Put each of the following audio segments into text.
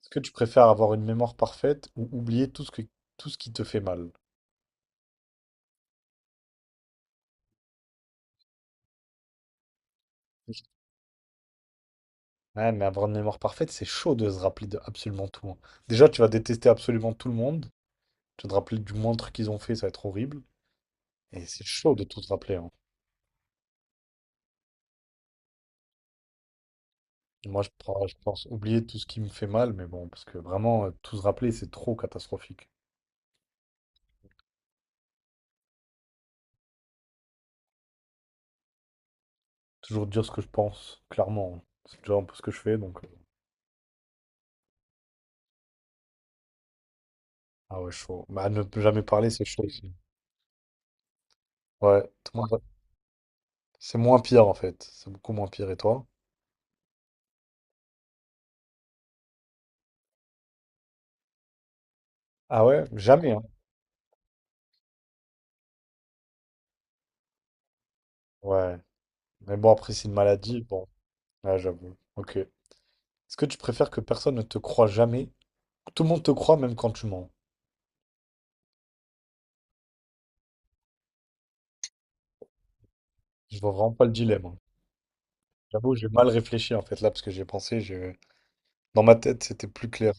Est-ce que tu préfères avoir une mémoire parfaite ou oublier tout ce qui te fait mal? Ouais, mais avoir une mémoire parfaite, c'est chaud de se rappeler de absolument tout, hein. Déjà, tu vas détester absolument tout le monde. Tu vas te rappeler du moindre truc qu'ils ont fait, ça va être horrible. Et c'est chaud de tout se rappeler, hein. Moi, je pense oublier tout ce qui me fait mal, mais bon, parce que vraiment, tout se rappeler, c'est trop catastrophique. Toujours dire ce que je pense, clairement, hein. C'est déjà un peu ce que je fais, donc. Ah ouais, chaud. Bah, ne jamais parler, c'est chaud aussi. Ouais, tout le monde va- c'est moins pire en fait. C'est beaucoup moins pire. Et toi? Ah ouais? Jamais, hein. Ouais. Mais bon, après, c'est une maladie. Bon, là, j'avoue. Ok. Est-ce que tu préfères que personne ne te croie jamais? Que tout le monde te croit même quand tu mens. Je vois vraiment pas le dilemme, hein. J'avoue, j'ai mal réfléchi en fait là parce que j'ai pensé, dans ma tête, c'était plus clair.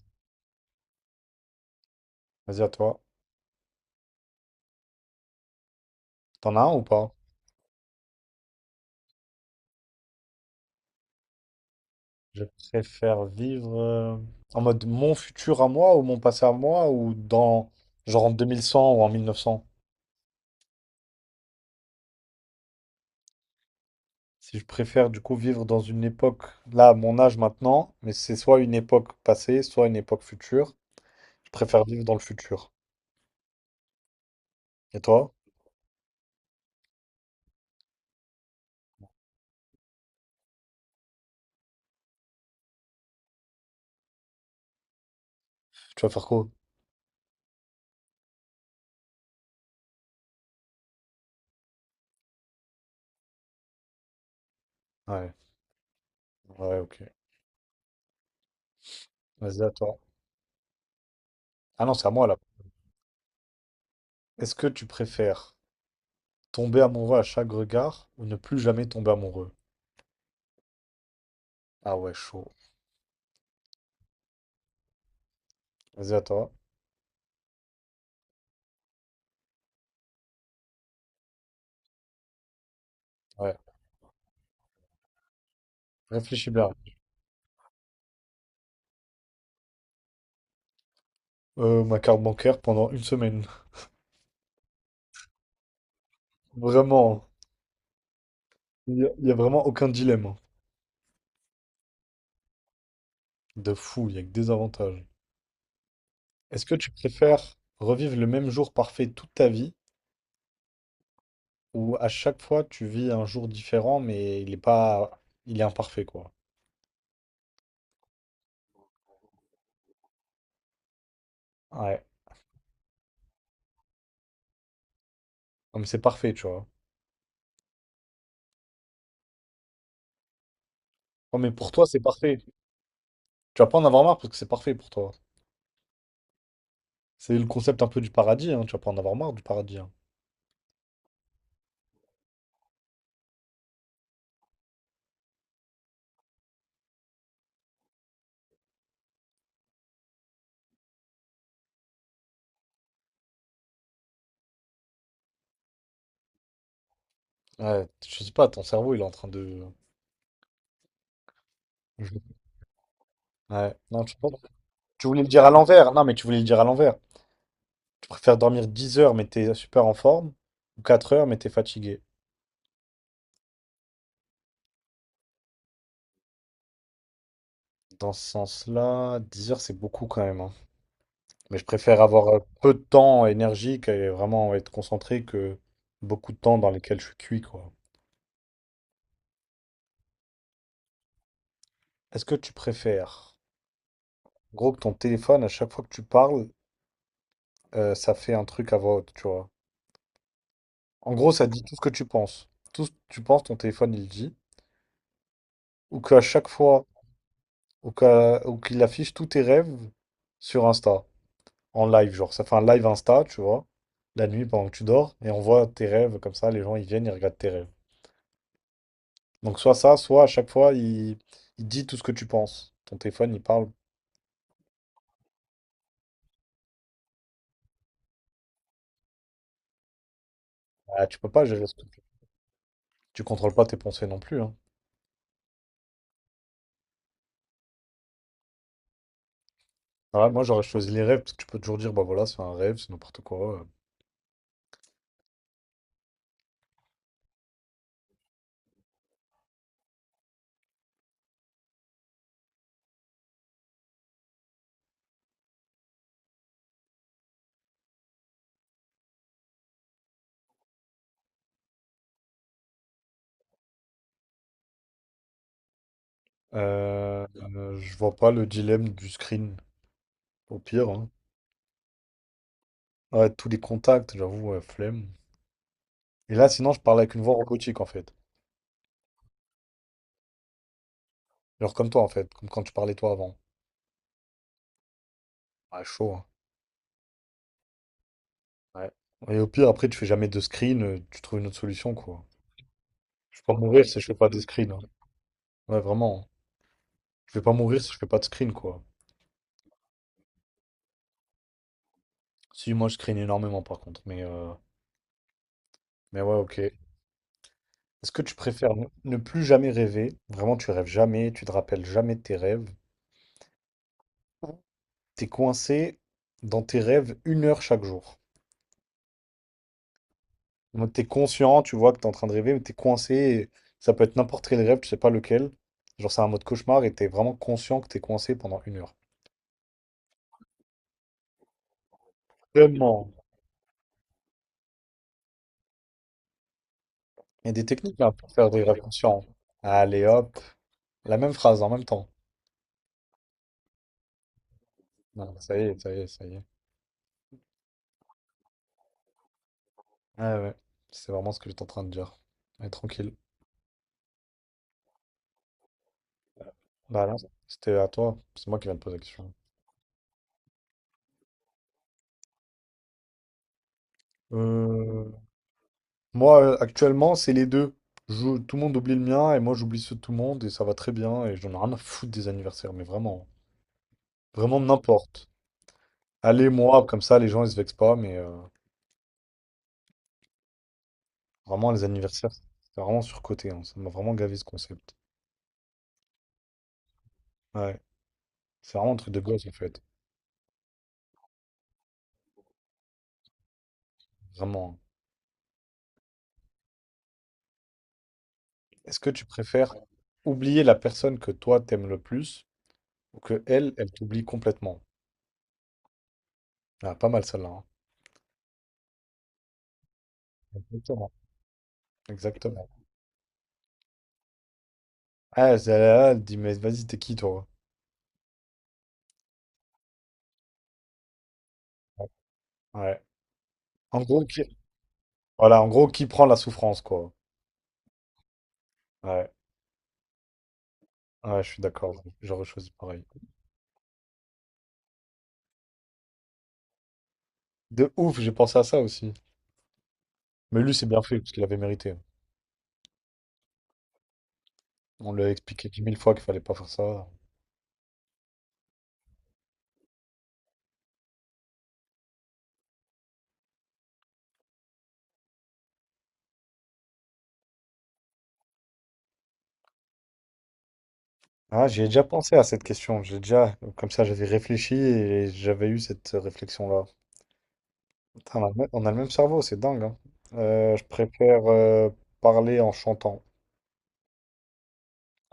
Vas-y, à toi. T'en as un ou pas? Je préfère vivre en mode mon futur à moi ou mon passé à moi ou dans genre en 2100 ou en 1900. Si je préfère du coup vivre dans une époque, là, à mon âge maintenant, mais c'est soit une époque passée, soit une époque future. Je préfère vivre dans le futur. Et toi? Tu vas faire quoi? Ouais, ouais, ok. Vas-y, à toi. Ah non, c'est à moi là. Est-ce que tu préfères tomber amoureux à chaque regard ou ne plus jamais tomber amoureux? Ah ouais, chaud. Vas-y, à toi. Ouais. Réfléchis bien. Ma carte bancaire pendant une semaine. Vraiment. Il y a vraiment aucun dilemme, hein. De fou, il n'y a que des avantages. Est-ce que tu préfères revivre le même jour parfait toute ta vie ou à chaque fois tu vis un jour différent mais il est pas il est imparfait quoi. Ouais, comme c'est parfait, tu vois. Oh, mais pour toi c'est parfait. Tu vas pas en avoir marre parce que c'est parfait pour toi. C'est le concept un peu du paradis, hein, tu vas pas en avoir marre du paradis, hein. Ouais, je sais pas, ton cerveau il est en train de. Je- Ouais, non, je pense. Tu voulais le dire à l'envers. Non, mais tu voulais le dire à l'envers. Tu préfères dormir 10 heures mais t'es super en forme ou 4 heures mais t'es fatigué. Dans ce sens-là, 10 heures c'est beaucoup quand même, hein. Mais je préfère avoir peu de temps énergique et vraiment être concentré que beaucoup de temps dans lesquels je suis cuit, quoi. Est-ce que tu préfères, en gros, que ton téléphone, à chaque fois que tu parles, ça fait un truc à voix haute, tu vois? En gros, ça dit tout ce que tu penses. Tout ce que tu penses, ton téléphone, il le dit. Ou qu'à chaque fois, ou qu'il affiche tous tes rêves sur Insta. En live, genre, ça fait un live Insta, tu vois, la nuit pendant que tu dors, et on voit tes rêves, comme ça, les gens, ils viennent, ils regardent tes rêves. Donc soit ça, soit à chaque fois, il dit tout ce que tu penses. Ton téléphone, il parle. Ah, tu peux pas gérer ce truc. Tu contrôles pas tes pensées non plus, hein. Voilà, moi, j'aurais choisi les rêves, parce que tu peux toujours dire, bah voilà, c'est un rêve, c'est n'importe quoi. Je vois pas le dilemme du screen, au pire, hein. Ah, ouais, tous les contacts, j'avoue, ouais, flemme. Et là, sinon, je parle avec une voix robotique, en fait. Genre comme toi, en fait, comme quand tu parlais toi avant. Ah, chaud, hein. Ouais. Et au pire, après, tu fais jamais de screen, tu trouves une autre solution, quoi. Je vais pas mourir si je fais pas de screen, hein. Ouais, vraiment, hein. Je vais pas mourir si je fais pas de screen, quoi. Si, moi, je screen énormément, par contre. Mais ouais, ok. Est-ce que tu préfères ne plus jamais rêver? Vraiment, tu rêves jamais, tu te rappelles jamais de tes rêves. T'es coincé dans tes rêves une heure chaque jour. Donc t'es conscient, tu vois que t'es en train de rêver, mais t'es coincé, et ça peut être n'importe quel rêve, je sais pas lequel. Genre c'est un mode cauchemar et t'es vraiment conscient que t'es coincé pendant une heure. Vraiment. Il y a des techniques là pour faire des rêves conscients. Allez hop, la même phrase en même temps. Non, ça y est, ça y est, ça y est. Ah ouais, c'est vraiment ce que j'étais en train de dire. Mais tranquille. Bah non, c'était à toi. C'est moi qui viens de poser la question. Euh, Moi, actuellement, c'est les deux. Tout le monde oublie le mien et moi, j'oublie ceux de tout le monde et ça va très bien et j'en ai rien à foutre des anniversaires, mais vraiment, vraiment n'importe. Allez, moi, comme ça, les gens, ils se vexent pas, mais vraiment, les anniversaires, c'est vraiment surcoté, hein. Ça m'a vraiment gavé ce concept. Ouais, c'est vraiment un truc de gosse, en fait. Vraiment, hein. Est-ce que tu préfères oublier la personne que toi, t'aimes le plus ou que elle, elle t'oublie complètement? Ah, pas mal celle-là, hein. Exactement. Exactement. Ah, celle-là, elle dit, mais vas-y, t'es qui, toi? Ouais. En gros, ok. Voilà, en gros, qui prend la souffrance, quoi. Ouais, ouais, je suis d'accord. J'aurais choisi pareil. De ouf, j'ai pensé à ça aussi. Mais lui, c'est bien fait, parce qu'il avait mérité. On lui a expliqué dix mille fois qu'il fallait pas faire ça. Ah, j'y ai déjà pensé à cette question. J'ai déjà, comme ça, j'avais réfléchi et j'avais eu cette réflexion-là. Putain, on a le même cerveau, c'est dingue, hein. Je préfère parler en chantant.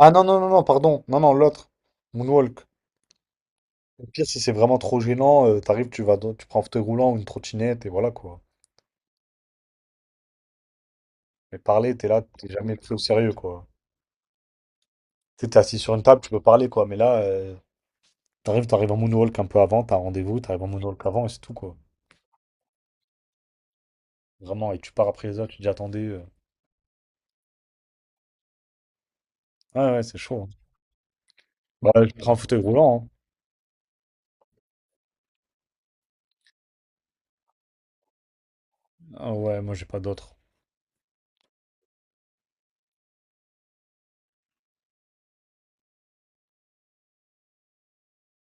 Ah non, non, non, non, pardon. Non, non, l'autre. Moonwalk. Au pire, si c'est vraiment trop gênant, t'arrives, tu prends un fauteuil roulant ou une trottinette et voilà quoi. Mais parler, t'es là, t'es jamais pris au sérieux quoi. Tu sais, t'es assis sur une table, tu peux parler quoi. Mais là, t'arrives en moonwalk un peu avant, t'as un rendez-vous, t'arrives en moonwalk avant et c'est tout quoi. Vraiment, et tu pars après les autres, tu dis attendez. Ouais, ouais, c'est chaud, hein. Bah, je prends un fauteuil roulant. Hein. Ah ouais, moi j'ai pas d'autre.